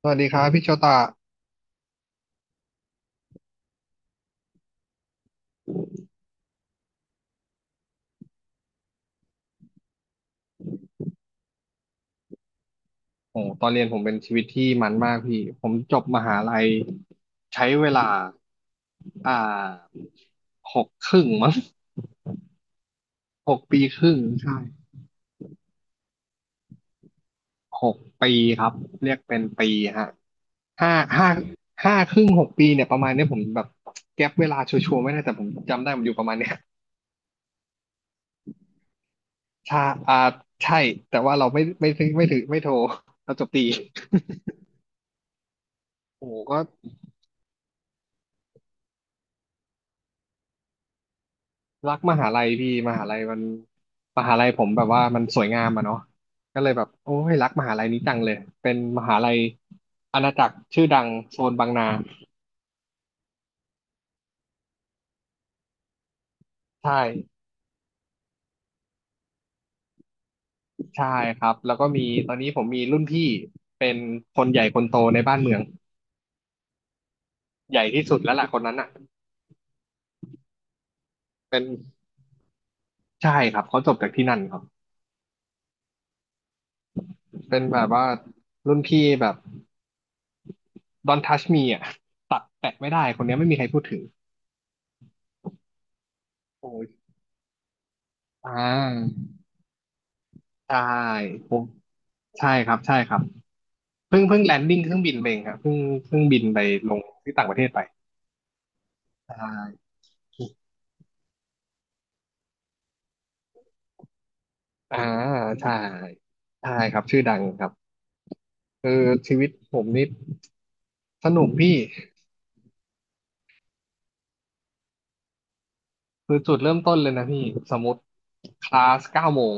สวัสดีครับพี่โชตะโอ้ตอนเรียนผมเป็นชีวิตที่มันมากพี่ ผมจบมหาลัยใช้เวลาอ่าหกครึ่งมั้ง6 ปีครึ่งใช่หกปีครับเรียกเป็นปีฮะห้าห้าห้าครึ่งหกปีเนี่ยประมาณเนี้ยผมแบบแก็ปเวลาชัวร์ๆไม่ได้แต่ผมจำได้มันอยู่ประมาณเนี้ยชาอ่าใช่แต่ว่าเราไม่ถือไม่โทรเราจบตีโอ้โหก็ รักมหาลัยพี่มหาลัยมันมหาลัยผมแบบว่ามันสวยงามอะเนาะก็เลยแบบโอ้ยรักมหาลัยนี้จังเลยเป็นมหาลัยอาณาจักรชื่อดังโซนบางนาใช่ใช่ครับแล้วก็มีตอนนี้ผมมีรุ่นพี่เป็นคนใหญ่คนโตในบ้านเมืองใหญ่ที่สุดแล้วล่ะคนนั้นอ่ะเป็นใช่ครับเขาจบจากที่นั่นครับเป็นแบบว่ารุ่นพี่แบบ Don't touch me อ่ะตัดแตะไม่ได้คนเนี้ยไม่มีใครพูดถึงโอ้ยอ่าใช่ผมใช่ครับใช่ครับ เพิ่งแลนดิ้งเครื่องบินไปเองครับเพิ่งบินไปลงที่ต่างประเทศไปใช่อ่าใช่ใช่ครับชื่อดังครับเออชีวิตผมนี่สนุกพี่คือจุดเริ่มต้นเลยนะพี่สมมติคลาส9 โมง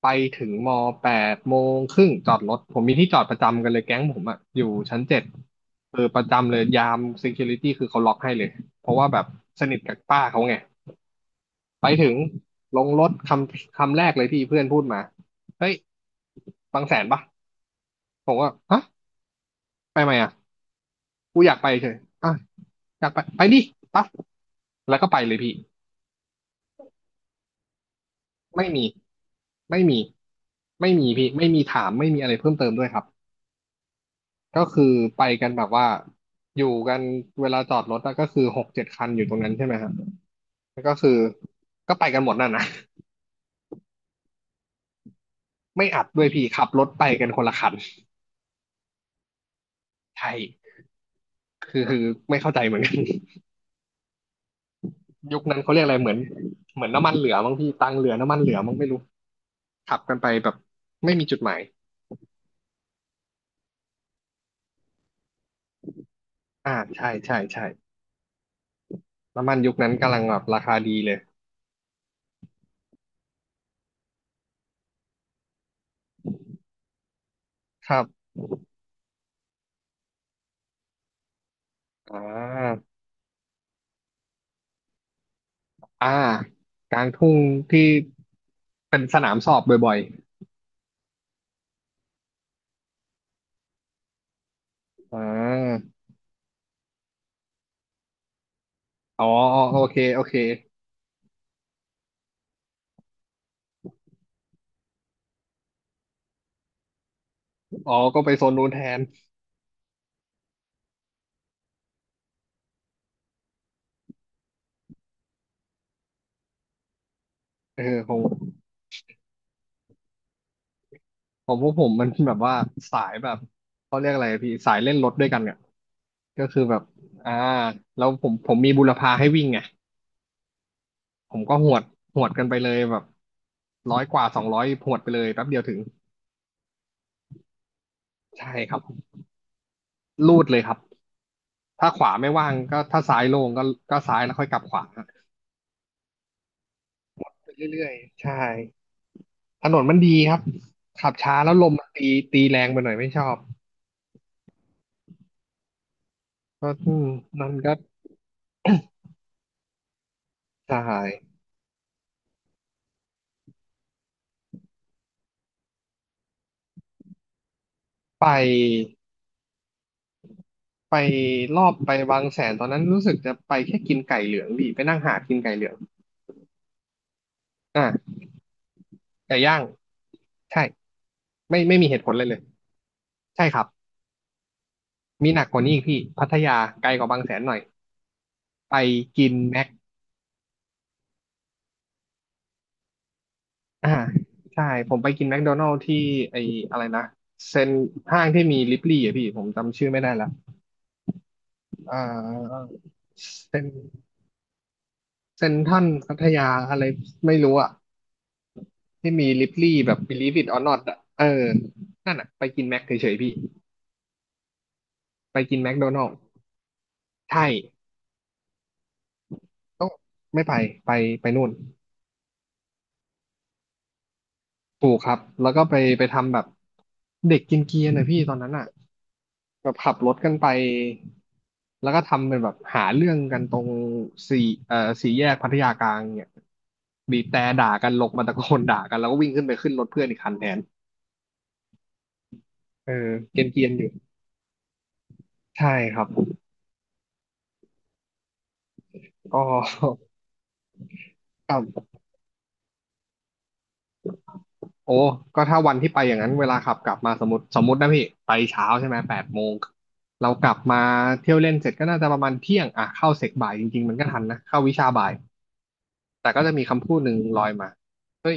ไปถึง8 โมงครึ่งจอดรถผมมีที่จอดประจำกันเลยแก๊งผมอะอยู่ชั้น 7เออประจำเลยยาม security คือเขาล็อกให้เลยเพราะว่าแบบสนิทกับป้าเขาไง ไปถึงลงรถคำคำแรกเลยที่เพื่อนพูดมาเฮ้ยบางแสนปะผมว่าฮะไปไหมอ่ะกูอยากไปเฉยอ่ะอยากไปดิปั๊บแล้วก็ไปเลยพี่ไม่มีไม่มีไม่มีพี่ไม่มีถามไม่มีอะไรเพิ่มเติมด้วยครับก็คือไปกันแบบว่าอยู่กันเวลาจอดรถอะก็คือ6-7 คันอยู่ตรงนั้นใช่ไหมครับก็คือก็ไปกันหมดนั่นนะ ไม่อัดด้วยพี่ขับรถไปกันคนละคันใช่คือไม่เข้าใจเหมือนกัน ยุคนั้นเขาเรียกอะไรเหมือนน้ำมันเหลือมั้งพี่ตังค์เหลือน้ำมันเหลือมั้งไม่รู้ขับกันไปแบบไม่มีจุดหมายใช่ใช่ใช่น้ำมันยุคนั้นกำลังแบบราคาดีเลยครับอ่าอ่ากลางทุ่งที่เป็นสนามสอบบ่อยๆอ๋อโอเคโอเคอ๋อก็ไปโซนนู้นแทนเออของพวกผมมันแบบว่าสายแบบเขาเรียกอะไรพี่สายเล่นรถด้วยกันอ่ะก็คือแบบอ่าแล้วผมมีบุรพาให้วิ่งไง ผมก็หวดหวดกันไปเลยแบบ100 กว่า 200หวดไปเลยแป๊บเดียวถึงใช่ครับลูดเลยครับถ้าขวาไม่ว่างก็ถ้าซ้ายโล่งก็ซ้ายแล้วค่อยกลับขวาไปเรื่อยๆใช่ถนนมันดีครับขับช้าแล้วลมมันตีแรงไปหน่อยไม่ชอบก็อืมมันก็ใช่ไปไปรอบไปบางแสนตอนนั้นรู้สึกจะไปแค่กินไก่เหลืองดิไปนั่งหากินไก่เหลืองอ่าไก่ย่างใช่ไม่ไม่มีเหตุผลเลยเลยใช่ครับ มีหนักกว่านี้อีกพี่พัทยาไกลกว่าบางแสนหน่อยไปกินแม็กอ่าใช่ผมไปกินแมคโดนัลด์ที่ไออะไรนะเซ็นห้างที่มีลิปลี่อ่ะพี่ผมจำชื่อไม่ได้ละอ่าเซ็นเซนทรัลพัทยาอะไรไม่รู้อ่ะที่มีลิปลี่แบบ Believe it or not อ่ะเออนั่นอ่ะไปกินแม็กเฉยๆพี่ไปกินแมคโดนัลด์ใช่ต้องไม่ไปไปไปนู่นถูกครับแล้วก็ไปทำแบบเด็กกินเกียร์หน่อยพี่ตอนนั้นอ่ะ แบบขับรถกันไป แล้วก็ทำเป็นแบบหาเรื่องกันตรงสี่เอ่อสี่แยกพัทยากลางเนี่ยบีบแตรด่ากันลงมาตะโกนด่ากันแล้วก็วิ่งขึ้นไปขึ้นรถเพื่อนอีกคันแทนเออเกรียนๆอยู่ใช่ครับก็ ก็โอ้ก็ถ้าวันที่ไปอย่างนั้นเวลาขับกลับมาสมมตินะพี่ไปเช้าใช่ไหมแปดโมง เรากลับมาเที่ยวเล่นเสร็จก็น่าจะประมาณเที่ยงอ่ะเข้าเสกบ่ายจริงๆมันก็ทันนะเข้าวิชาบ่าย แต่ก็จะมีคำพูดหนึ่งลอยมาเฮ้ย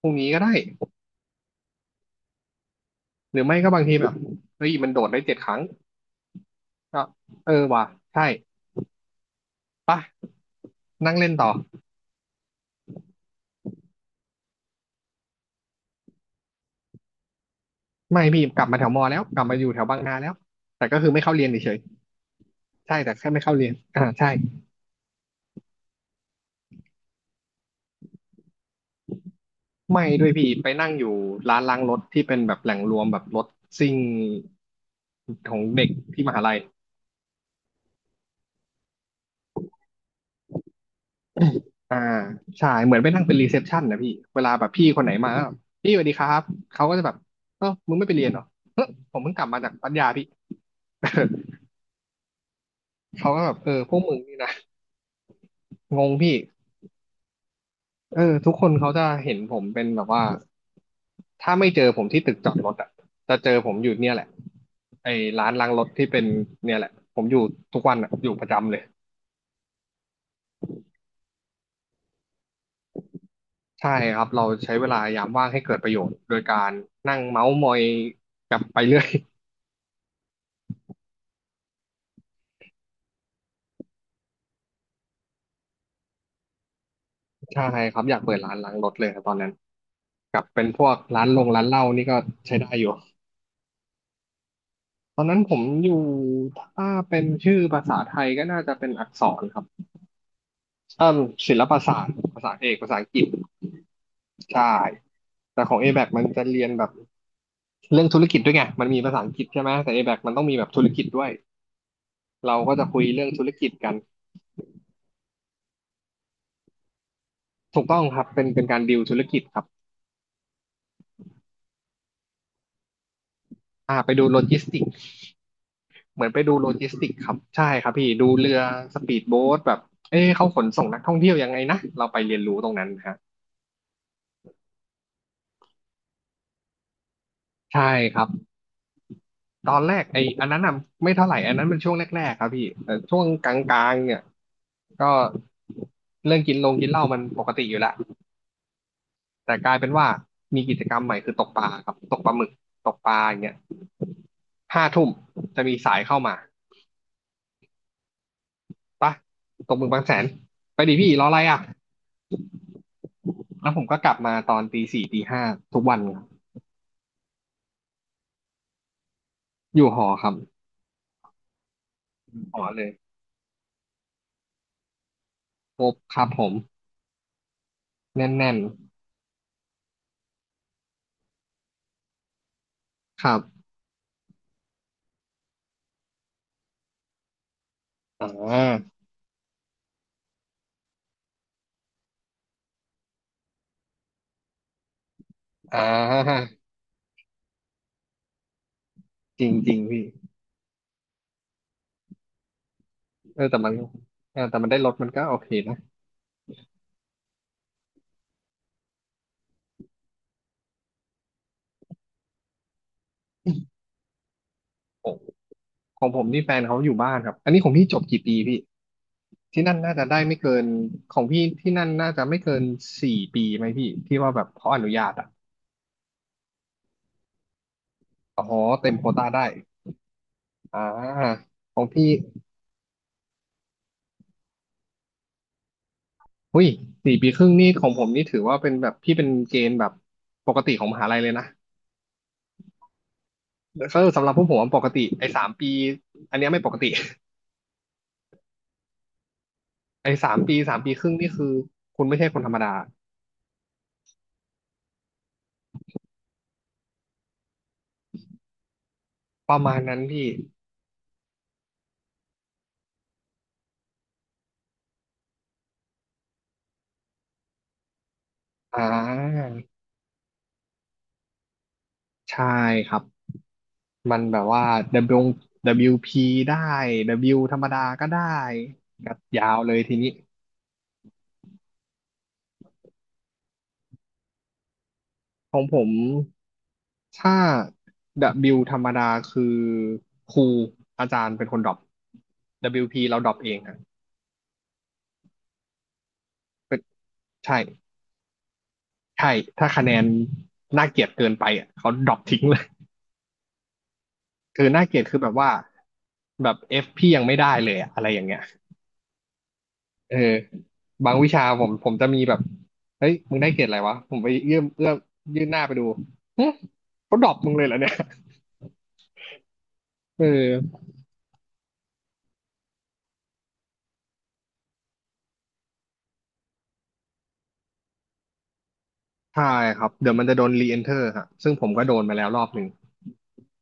พรุ่งนี้ก็ได้ หรือไม่ก็บางทีแบบเฮ้ยมันโดดได้เจ็ดครั้งก็เออว่ะใช่ปะนั่งเล่นต่อไม่พี่กลับมาแถวมอแล้วกลับมาอยู่แถวบางนาแล้วแต่ก็คือไม่เข้าเรียนเฉยๆใช่แต่แค่ไม่เข้าเรียนอ่าใช่ไม่ด้วยพี่ไปนั่งอยู่ร้านล้างรถที่เป็นแบบแหล่งรวมแบบรถซิ่งของเด็กที่มหาลัยอ่าใช่เหมือนไปนั่งเป็นรีเซพชันนะพี่เวลาแบบพี่คนไหนมาก็พี่สวัสดีครับเขาก็จะแบบเออมึงไม่ไปเรียนเหรอเฮ้ยผมเพิ่งกลับมาจากปัญญาพี่ เขาก็แบบเออพวกมึงนี่นะ งงพี่เออทุกคนเขาจะเห็นผมเป็นแบบว่าถ้าไม่เจอผมที่ตึกจอดรถอ่ะจะเจอผมอยู่เนี่ยแหละไอ้ร้านล้างรถที่เป็นเนี่ยแหละผมอยู่ทุกวันอะอยู่ประจำเลยใช่ครับเราใช้เวลายามว่างให้เกิดประโยชน์โดยการนั่งเมาส์มอยกับไปเรื่อย ใช่ครับอยากเปิดร้านล้างรถเลยครับตอนนั้นกับเป็นพวกร้านลงร้านเหล้านี่ก็ใช้ได้อยู่ตอนนั้นผมอยู่ถ้าเป็นชื่อภาษาไทยก็น่าจะเป็นอักษรครับ เอ่มศิลปศาสตร์ภาษาเอกภาษาอังกฤษใช่แต่ของ a b a คมันจะเรียนแบบเรื่องธุรกิจด้วยไงมันมีภาษาอังกฤษใช่ไหมแต่ a b a คมันต้องมีแบบธุรกิจด้วยเราก็จะคุยเรื่องธุรกิจกันถูกต้องครับเป็นการดีลธุรกิจครับอ่าไปดูโลจิสติกเหมือนไปดูโลจิสติกครับใช่ครับพี่ดูเรือสปีดโบ๊ทแบบเอ๊ะเขาขนส่งนักท่องเที่ยวยังไงนะเราไปเรียนรู้ตรงนั้นฮะใช่ครับ ตอนแรกไอ้อันนั้นน่ะไม่เท่าไหร่อันนั้นมันช่วงแรกๆครับพี่แต่ช่วงกลางๆเนี่ยก็เรื่องกินลงกินเหล้ามันปกติอยู่แล้วแต่กลายเป็นว่ามีกิจกรรมใหม่คือตกปลาครับตกปลาหมึกตกปลาอย่างเงี้ยห้าทุ่มจะมีสายเข้ามาปะตกหมึกบางแสนไปดิพี่รออะไรอ่ะแล้วผมก็กลับมาตอนตีสี่ตีห้าทุกวันครับอยู่หอครับหอเลยครบครับผมแน่นๆครับอ่าอ่าจริงจริงพี่ เออแต่มันเออแต่มันได้รถมันก็โอเคนะของของผมนี่แฟนเขาอยู่บ้านครับอันนี้ของพี่จบกี่ปีพี่ที่นั่นน่าจะได้ไม่เกินของพี่ที่นั่นน่าจะไม่เกินสี่ปีไหมพี่ที่ว่าแบบเขาอนุญาตอ่ะอ๋อเต็มโควต้าได้อ่าของพี่หุ้ยสี่ปีครึ่งนี่ของผมนี่ถือว่าเป็นแบบพี่เป็นเกณฑ์แบบปกติของมหาลัยเลยนะก็สำหรับพวกผมอะปกติไอ้สามปีอันเนี้ยไม่ปกติ ไอ้สามปีสามปีครึ่งนี่คือคุณไม่ใช่คนธรรมดาประมาณนั้นพี่อ่า ใช่ครับมันแบบว่า W WP ได้ W ธรรมดาก็ได้กดยาวเลยทีนี้ของผมถ้า W ธรรมดาคือครูอาจารย์เป็นคนดรอป WP เบิลยูพีเราดรอปเองอ่ะเป็นใช่ใช่ถ้าคะแนนน่าเกลียดเกินไปอ่ะเขาดรอปทิ้งเลยคือน่าเกลียดคือแบบว่าแบบ F พี่ยังไม่ได้เลยอะอะไรอย่างเงี้ย เออบางวิชาผมจะมีแบบเฮ้ยมึงได้เกรดอะไรวะผมไปเอื้อมยื่นหน้าไปดูเฮ้ยเขาดรอปมึงเลยเหรอเนี่ยเออใช่ครับเดี๋ยวมันจะโดนรีเอนเทอร์ฮะซึ่งผมก็โดนมาแล้วรอบหนึ่ง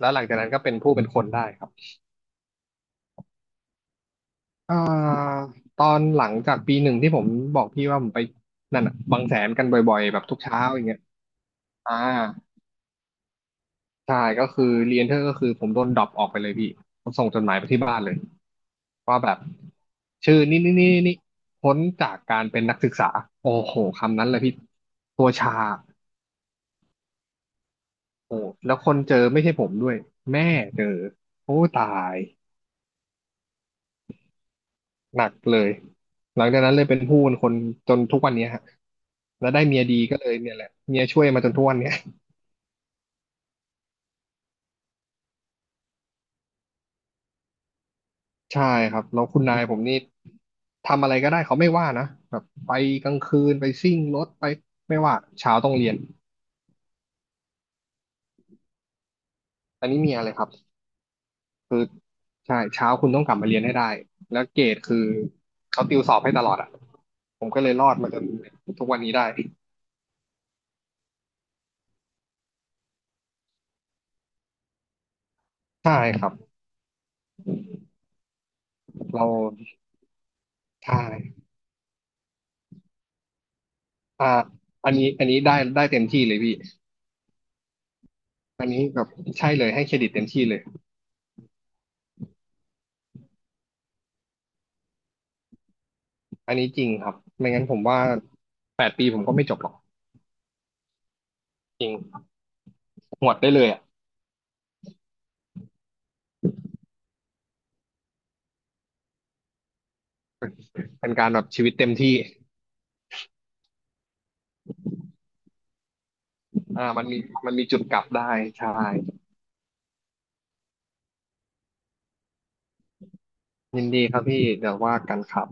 แล้วหลังจากนั้นก็เป็นผู้เป็นคนได้ครับอ่าตอนหลังจากปีหนึ่งที่ผมบอกพี่ว่าผมไปนั่นอ่ะบางแสนกันบ่อยๆแบบทุกเช้าอย่างเงี้ยอ่า ใช่ก็คือรีเอนเทอร์ก็คือผมโดนดรอปออกไปเลยพี่ผมส่งจดหมายไปที่บ้านเลยว่าแบบชื่อนี่นี่นี่นี่พ้นจากการเป็นนักศึกษาโอ้โหคำนั้นเลยพี่ตัวชาโอ้แล้วคนเจอไม่ใช่ผมด้วยแม่เจอโอ้ตายหนักเลยหลังจากนั้นเลยเป็นผู้เป็นคนจนทุกวันเนี้ยฮะแล้วได้เมียดีก็เลยเนี่ยแหละเมียช่วยมาจนทุกวันเนี้ย ใช่ครับแล้วคุณนายผมนี่ทำอะไรก็ได้เขาไม่ว่านะแบบไปกลางคืนไปซิ่งรถไปไม่ว่าเช้าต้องเรียนอันนี้มีอะไรครับคือใช่เช้าคุณต้องกลับมาเรียนให้ได้แล้วเกรดคือเขาติวสอบให้ตลอดอ่ะผมก็เลยรอดมาจนทุกวันนี้ได้ใช่ครับเราใช่อ่าอันนี้ได้ได้เต็มที่เลยพี่อันนี้แบบใช่เลยให้เครดิตเต็มที่เลยอันนี้จริงครับไม่งั้นผมว่าแปดปีผมก็ไม่จบหรอกจริงหมดได้เลยอ่ะ เป็นการแบบชีวิตเต็มที่อ่ามันมีจุดกลับได้ใช่ยินดีครับพี่เดี๋ยวว่ากันครับ